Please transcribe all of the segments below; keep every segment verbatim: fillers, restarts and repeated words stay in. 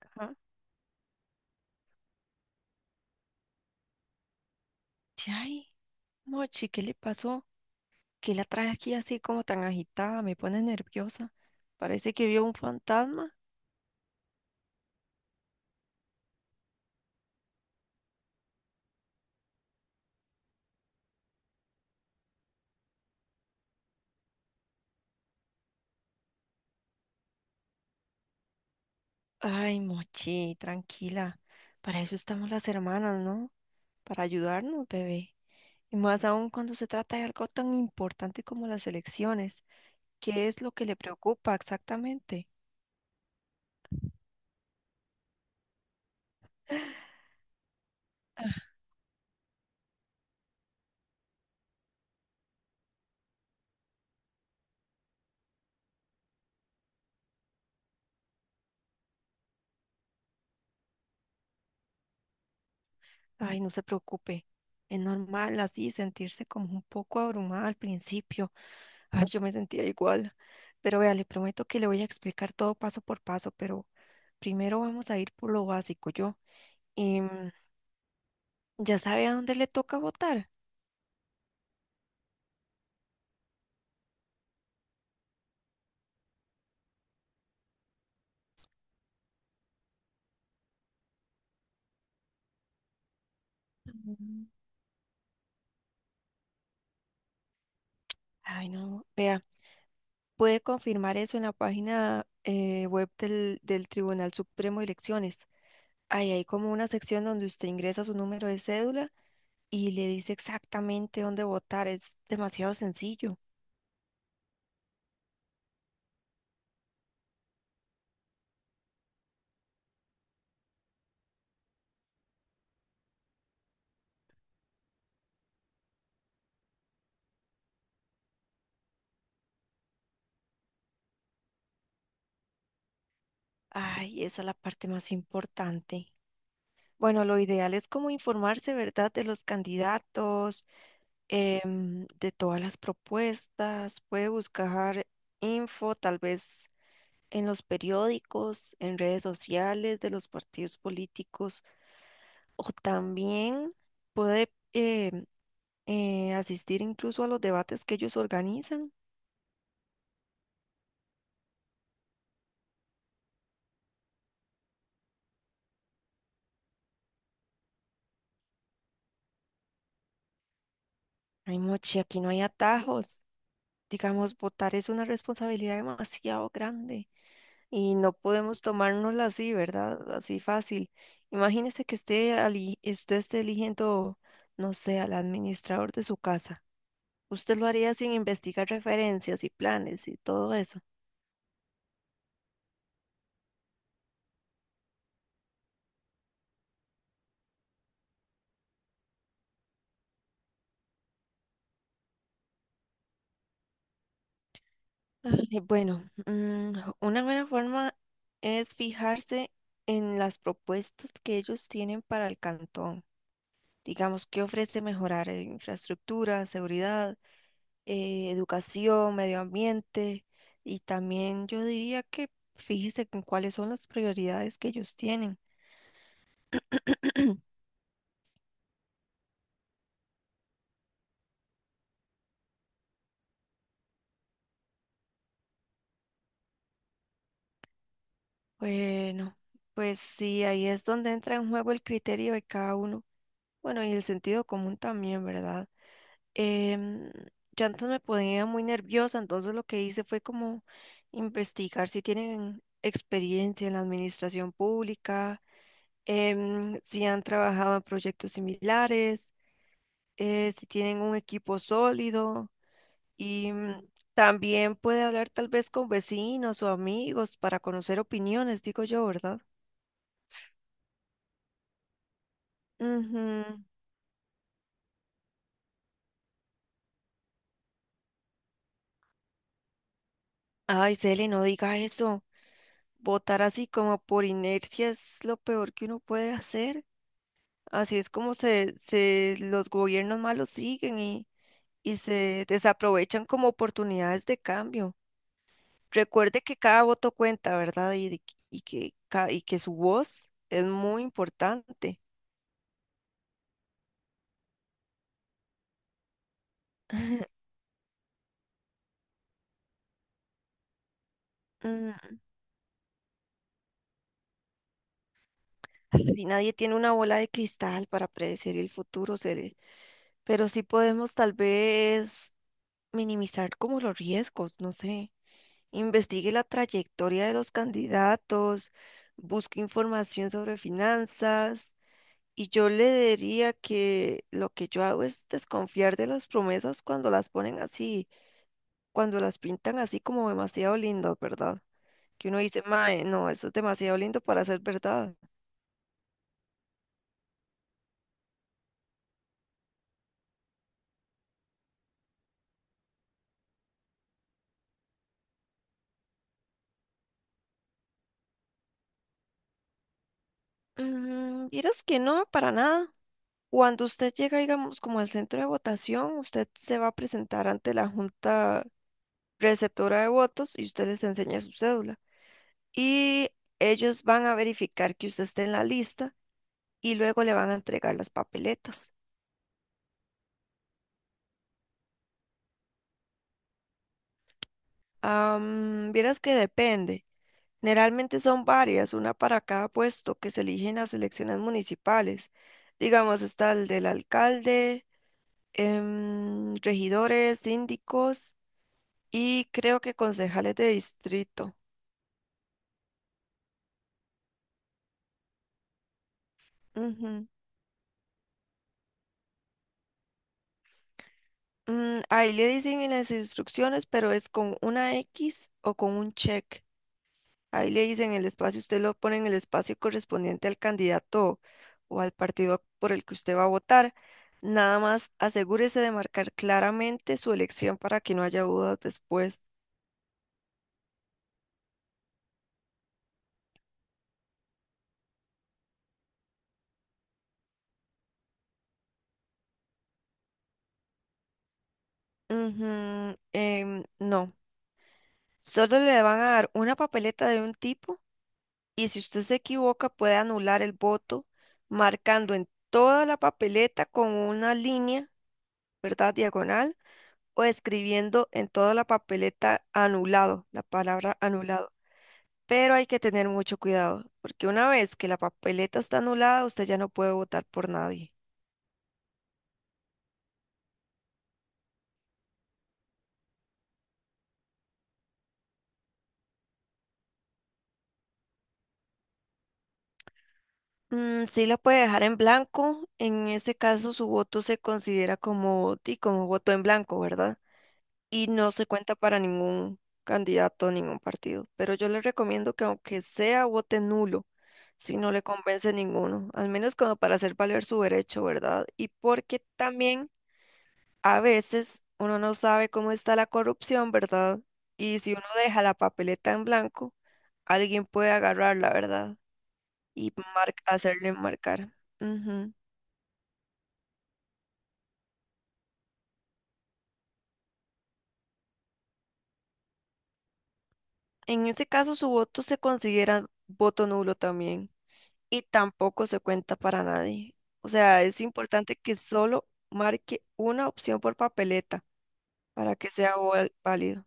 Ajá. Sí, Ay, Mochi, ¿qué le pasó? ¿Qué la trae aquí así como tan agitada? Me pone nerviosa. Parece que vio un fantasma. Ay, Mochi, tranquila. Para eso estamos las hermanas, ¿no? Para ayudarnos, bebé. Y más aún cuando se trata de algo tan importante como las elecciones. ¿Qué es lo que le preocupa exactamente? Ay, no se preocupe. Es normal así sentirse como un poco abrumada al principio. Ay, yo me sentía igual. Pero vea, le prometo que le voy a explicar todo paso por paso, pero primero vamos a ir por lo básico, yo. Em, ¿ya sabe a dónde le toca votar? Mm. Ay, no, vea, puede confirmar eso en la página eh, web del, del Tribunal Supremo de Elecciones. Ahí hay como una sección donde usted ingresa su número de cédula y le dice exactamente dónde votar. Es demasiado sencillo. Ay, esa es la parte más importante. Bueno, lo ideal es como informarse, ¿verdad?, de los candidatos, em, de todas las propuestas. Puede buscar info, tal vez en los periódicos, en redes sociales de los partidos políticos, o también puede em, eh, asistir incluso a los debates que ellos organizan. Ay, Mochi, aquí no hay atajos. Digamos, votar es una responsabilidad demasiado grande y no podemos tomárnosla así, ¿verdad? Así fácil. Imagínese que esté ali- usted esté eligiendo, no sé, al administrador de su casa. Usted lo haría sin investigar referencias y planes y todo eso. Ay, bueno, mm, una buena forma es fijarse en las propuestas que ellos tienen para el cantón. Digamos, ¿qué ofrece mejorar? eh, Infraestructura, seguridad, eh, educación, medio ambiente y también yo diría que fíjese en cuáles son las prioridades que ellos tienen. Bueno, pues sí, ahí es donde entra en juego el criterio de cada uno. Bueno, y el sentido común también, ¿verdad? Em, yo antes me ponía muy nerviosa, entonces lo que hice fue como investigar si tienen experiencia en la administración pública, em, si han trabajado en proyectos similares eh, si tienen un equipo sólido y mm, también puede hablar tal vez con vecinos o amigos para conocer opiniones, digo yo, ¿verdad? Ujú. Ay, Cele, no diga eso. Votar así como por inercia es lo peor que uno puede hacer. Así es como se, se los gobiernos malos siguen y, y se desaprovechan como oportunidades de cambio. Recuerde que cada voto cuenta, ¿verdad? Y, de- y que, ca- y que su voz es muy importante. Mm, Si nadie tiene una bola de cristal para predecir el futuro, seré- pero sí podemos tal vez minimizar como los riesgos, no sé. Investigue la trayectoria de los candidatos, busque información sobre finanzas y yo le diría que lo que yo hago es desconfiar de las promesas cuando las ponen así, cuando las pintan así como demasiado lindas, ¿verdad? Que uno dice, mae, no, eso es demasiado lindo para ser verdad. Mm, vieras que no, para nada. Cuando usted llega, digamos, como al centro de votación, usted se va a presentar ante la junta receptora de votos y usted les enseña su cédula. Y ellos van a verificar que usted esté en la lista y luego le van a entregar las papeletas. Am, vieras que depende. Generalmente son varias, una para cada puesto que se elige en las elecciones municipales. Digamos, está el del alcalde, em, regidores, síndicos y creo que concejales de distrito. Ujú. Mm, ahí le dicen en las instrucciones, pero es con una X o con un check. Ahí le dicen el espacio, usted lo pone en el espacio correspondiente al candidato o al partido por el que usted va a votar. Nada más asegúrese de marcar claramente su elección para que no haya dudas después. Ujú, em, no, solo le van a dar una papeleta de un tipo y si usted se equivoca puede anular el voto marcando en toda la papeleta con una línea, ¿verdad? Diagonal o escribiendo en toda la papeleta anulado, la palabra anulado. Pero hay que tener mucho cuidado porque una vez que la papeleta está anulada, usted ya no puede votar por nadie. Mm, sí la puede dejar en blanco, en ese caso su voto se considera como, di, como voto en blanco, ¿verdad? Y no se cuenta para ningún candidato, ningún partido. Pero yo le recomiendo que aunque sea vote nulo, si no le convence ninguno, al menos como para hacer valer su derecho, ¿verdad? Y porque también a veces uno no sabe cómo está la corrupción, ¿verdad? Y si uno deja la papeleta en blanco, alguien puede agarrarla, ¿verdad? Y mar- hacerle marcar. Ujú. En ese caso, su voto se considera voto nulo también. Y tampoco se cuenta para nadie. O sea, es importante que solo marque una opción por papeleta para que sea val- válido.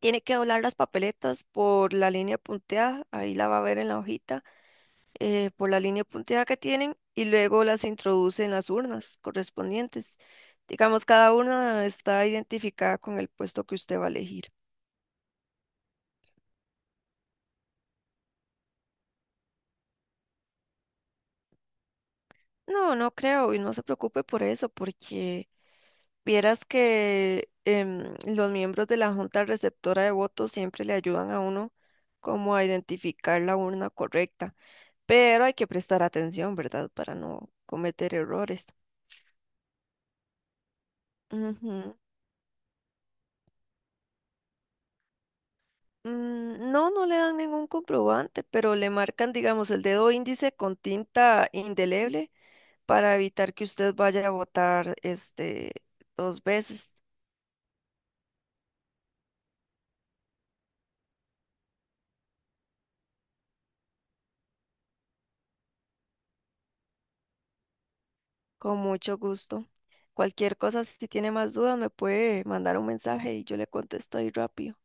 Tiene que doblar las papeletas por la línea punteada, ahí la va a ver en la hojita, eh, por la línea punteada que tienen y luego las introduce en las urnas correspondientes. Digamos, cada una está identificada con el puesto que usted va a elegir. No, no creo y no se preocupe por eso, porque vieras que em, los miembros de la junta receptora de votos siempre le ayudan a uno como a identificar la urna correcta, pero hay que prestar atención, ¿verdad? Para no cometer errores. Ujú. Mm, no, no le dan ningún comprobante, pero le marcan, digamos, el dedo índice con tinta indeleble para evitar que usted vaya a votar este dos veces. Con mucho gusto. Cualquier cosa, si tiene más dudas, me puede mandar un mensaje y yo le contesto ahí rápido.